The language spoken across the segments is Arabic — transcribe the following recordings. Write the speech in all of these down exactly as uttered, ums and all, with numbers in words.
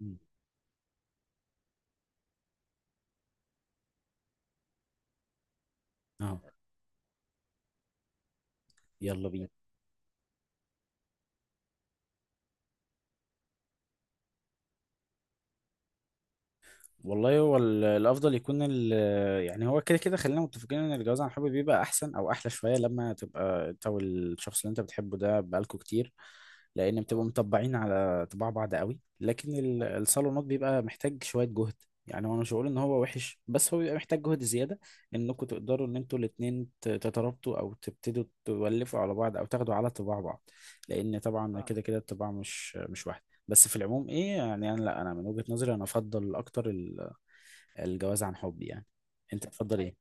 مم. اه. يلا بينا. والله هو ال- الافضل يكون ال يعني، هو كده كده خلينا متفقين ان الجواز عن حب بيبقى احسن او احلى شويه لما تبقى انت والشخص اللي انت بتحبه ده بقالكوا كتير، لان بتبقوا اه مطبعين على طباع بعض قوي. لكن ال- الصالونات بيبقى محتاج شويه جهد. يعني هو مش هقول ان هو وحش، بس هو بيبقى محتاج جهد زياده، انكم تقدروا ان انتوا الاتنين ت- تترابطوا او تبتدوا تولفوا على بعض او تاخدوا على طباع بعض، لان طبعا فاهم كده كده الطباع مش مش واحده. بس في العموم ايه، يعني انا، لا، انا من وجهة نظري انا افضل اكتر ال- الجواز عن حب يعني. انت تفضل ايه؟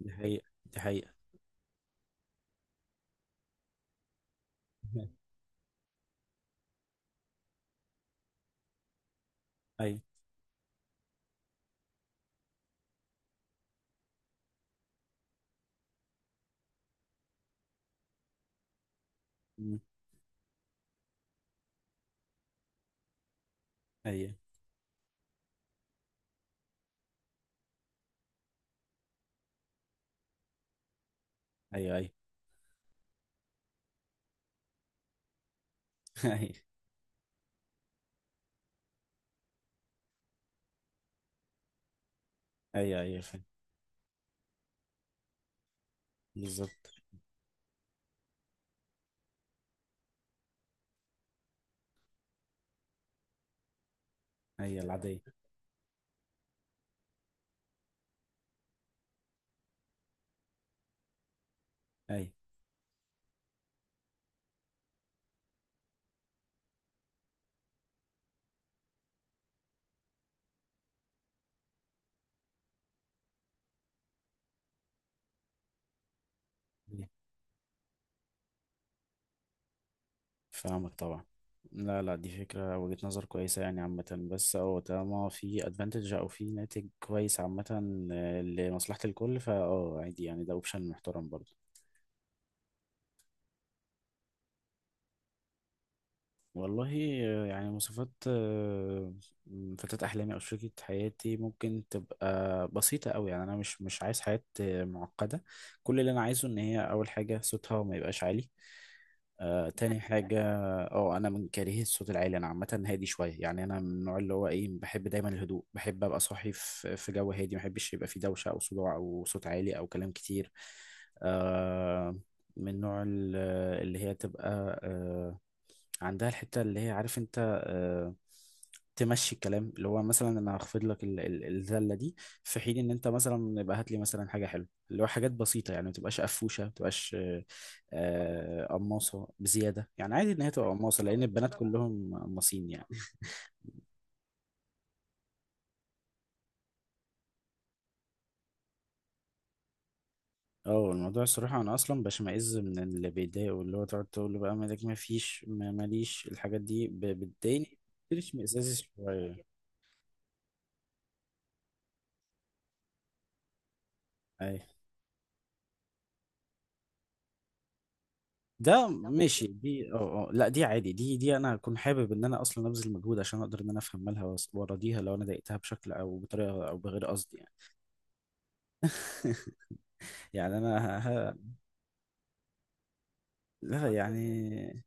دي حقيقة دي حقيقة. ايوه. أمم. ايوه، ايوه، ايوه. ايوه، ايوه، ايوه فاهم. بالظبط. ايوه العادية. ايوه. أيوة. فاهمك طبعا. لا، لا، دي فكرة وجهة نظر كويسة يعني عامة. بس هو طالما في ادفانتج او في ناتج كويس عامة، آه، لمصلحة الكل. فا اه عادي يعني، ده اوبشن محترم برضه. والله، يعني مواصفات آه، فتاة أحلامي أو شريكة حياتي ممكن تبقى بسيطة أوي. يعني أنا مش مش عايز حياة آه، معقدة. كل اللي أنا عايزه إن هي أول حاجة صوتها ما يبقاش عالي. آه تاني حاجة، اه أنا من كارهي الصوت العالي. أنا عامة هادي شوية. يعني أنا من النوع اللي هو إيه، بحب دايما الهدوء، بحب أبقى صاحي في في جو هادي، ما بحبش يبقى فيه دوشة أو صداع أو صوت عالي أو كلام كتير. آه من نوع ال- اللي هي تبقى آه، عندها الحتة اللي هي عارف انت، آه، تمشي الكلام، اللي هو مثلا انا هخفض لك ال- ال- الذلة دي، في حين ان انت مثلا يبقى هات لي مثلا حاجة حلوة، اللي هو حاجات بسيطة. يعني ما تبقاش قفوشة، ما تبقاش آه، آه، قماصة بزيادة. يعني عادي ان هي تبقى قماصة، لان البنات كلهم قماصين يعني. اه الموضوع الصراحة انا اصلا بشمئز من اللي بيضايقوا، اللي هو تقعد تقول له بقى مالك، ما فيش، ما- ماليش. الحاجات دي ب- بتضايقني بتشمئزازي شوية. اي، ده لو انت ماشي دي، اه اه لا، دي عادي. دي دي انا اكون حابب ان انا اصلا ابذل مجهود عشان اقدر ان انا افهم مالها وأس- واراضيها لو انا ضايقتها بشكل او بطريقه او بغير قصد يعني. يعني انا ه... ه- لا اوكي يعني.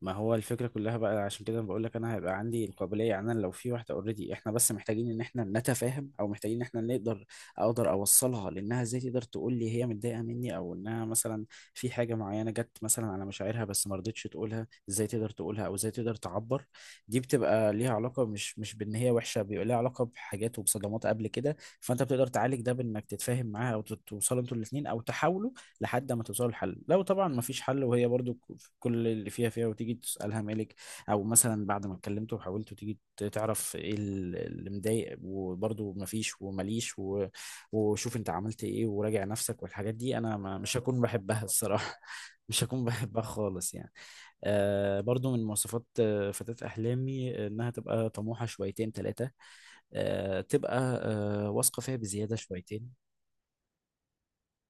ما هو الفكرة كلها بقى، عشان كده بقول لك انا هيبقى عندي القابلية. يعني انا لو في واحدة اوريدي، احنا بس محتاجين ان احنا نتفاهم، او محتاجين ان احنا نقدر اقدر اوصلها لانها ازاي تقدر تقول لي هي متضايقة مني، او انها مثلا في حاجة معينة جت مثلا على مشاعرها بس ما رضتش تقولها، ازاي تقدر تقولها او ازاي تقدر تعبر. دي بتبقى ليها علاقة، مش مش بان هي وحشة، بيبقى ليها علاقة بحاجات وبصدمات قبل كده. فانت بتقدر تعالج ده بانك تتفاهم معاها، او ت- توصلوا انتوا الاتنين، او تحاولوا لحد ما توصلوا لحل. لو طبعا ما فيش حل وهي برضو ك- كل اللي فيها فيها، وتيجي تسألها مالك، او مثلا بعد ما اتكلمت وحاولت تيجي ت- تعرف ايه ال- اللي مضايق وبرضو ما فيش ومليش و... وشوف انت عملت ايه وراجع نفسك والحاجات دي، انا ما مش هكون بحبها الصراحة، مش هكون بحبها خالص يعني. آه برضو من مواصفات آه، فتاة أحلامي إنها تبقى طموحة شويتين تلاتة، آه تبقى آه واثقة فيها بزيادة شويتين.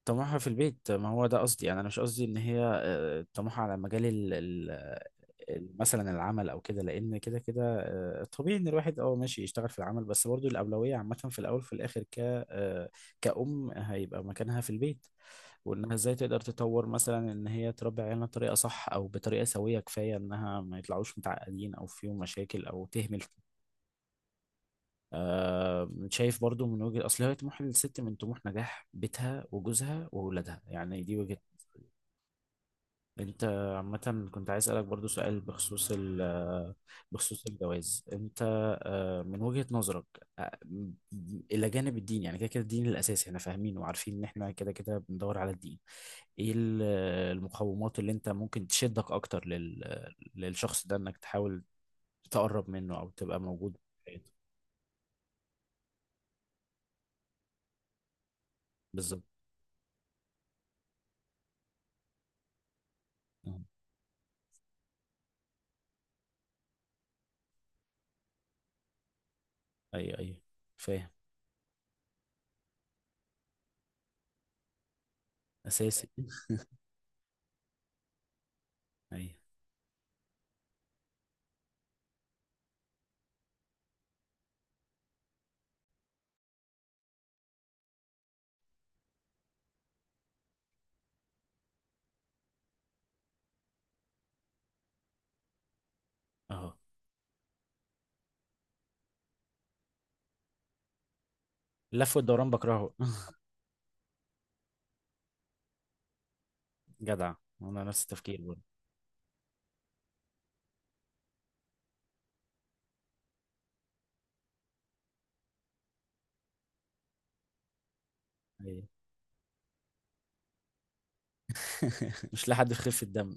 طموحها في البيت، ما هو ده قصدي يعني. انا مش قصدي ان هي آه، طموحها على مجال ال ال- ال- مثلا العمل او كده، لان كده كده آه، طبيعي ان الواحد اه ماشي يشتغل في العمل، بس برضو الاولويه عامه في الاول وفي الاخر، ك آه، كأم هيبقى مكانها في البيت، وانها ازاي تقدر تطور مثلا ان هي تربي عيالها بطريقه صح او بطريقه سويه كفايه، انها ما يطلعوش متعقدين او فيهم مشاكل او تهمل. آه، شايف برضو من وجهة، اصل هي طموح الست من طموح نجاح بيتها وجوزها وولادها يعني. دي وجهة. انت عامة كنت عايز اسألك برضو سؤال بخصوص ال بخصوص الجواز. انت آه، من وجهة نظرك، آه، م- الى جانب الدين، يعني كده كده الدين الاساسي احنا فاهمين وعارفين ان احنا كده كده بندور على الدين، ايه ال- المقومات اللي انت ممكن تشدك اكتر لل للشخص ده انك تحاول تقرب منه او تبقى موجود في حياته؟ بالظبط. ايوه، ايوه فاهم. اساسي. ايوه. اهو. اللف والدوران بكرهه. جدع. انا نفس التفكير برضه. ايوه. مش لحد يخف الدم.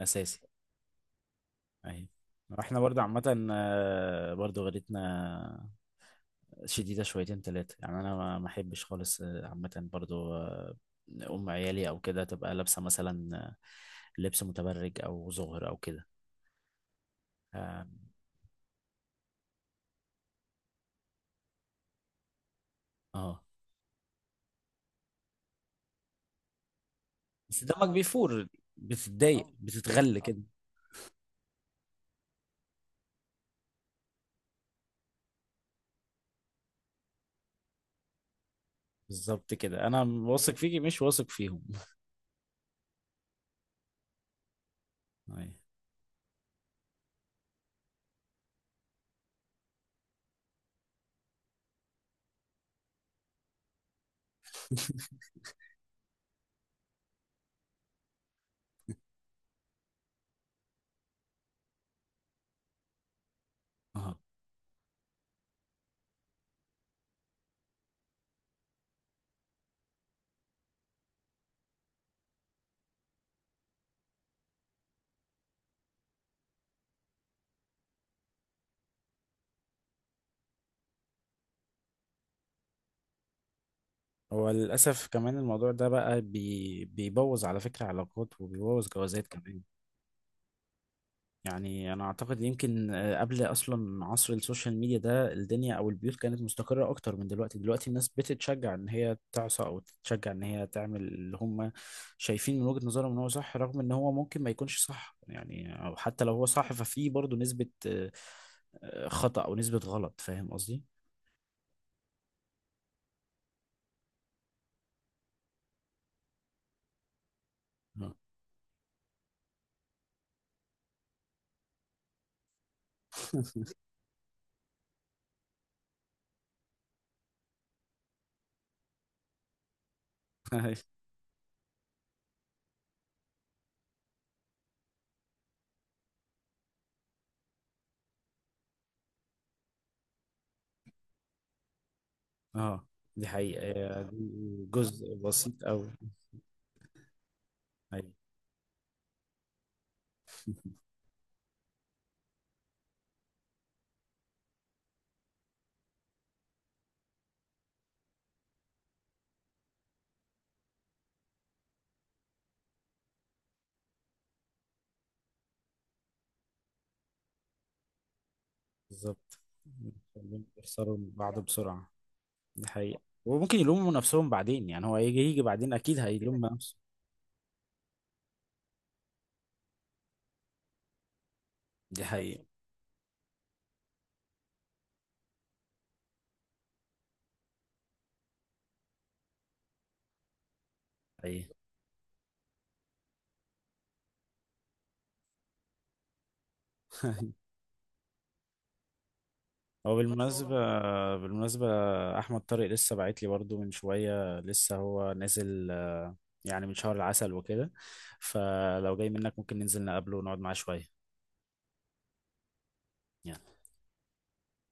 اساسي. ايوه. احنا برضه عامة آه، برضه غيرتنا شديدة شويتين تلاتة. يعني انا ما ما احبش خالص، آه، عامة برضه، آه، ام عيالي او كده تبقى لابسة مثلا آه، لبس متبرج او زهر او كده. آم، اه بس دمك بيفور، بتتضايق بتتغل كده. بالظبط كده، انا واثق فيكي مش واثق فيهم. أيوة. اه هو للاسف كمان الموضوع ده بقى بي بيبوظ على فكره علاقات وبيبوظ جوازات كمان. يعني انا اعتقد يمكن آه، قبل اصلا عصر السوشيال ميديا ده، الدنيا او البيوت كانت مستقره اكتر من دلوقتي. دلوقتي الناس بتتشجع ان هي تعصى او تتشجع ان هي تعمل اللي هم شايفين من وجهه نظرهم ان هو صح، رغم ان هو ممكن ما يكونش صح يعني. او حتى لو هو صح ففي برضه نسبه آه، آه، خطأ او نسبه غلط، فاهم قصدي. أيوة. اه دي حقيقة هي دي، جزء بسيط أوي. أيوة، بالظبط. خليهم يخسروا من بعض بسرعة. دي حقيقة، وممكن يلوموا نفسهم بعدين يعني. هو يجي يجي بعدين أكيد هيلوم نفسه. دي حقيقة. أيوة. هو بالمناسبة بالمناسبة أحمد طارق لسه باعت لي برضو من شوية، لسه هو نازل يعني من شهر العسل وكده. فلو جاي منك ممكن ننزل نقابله ونقعد معاه شوية.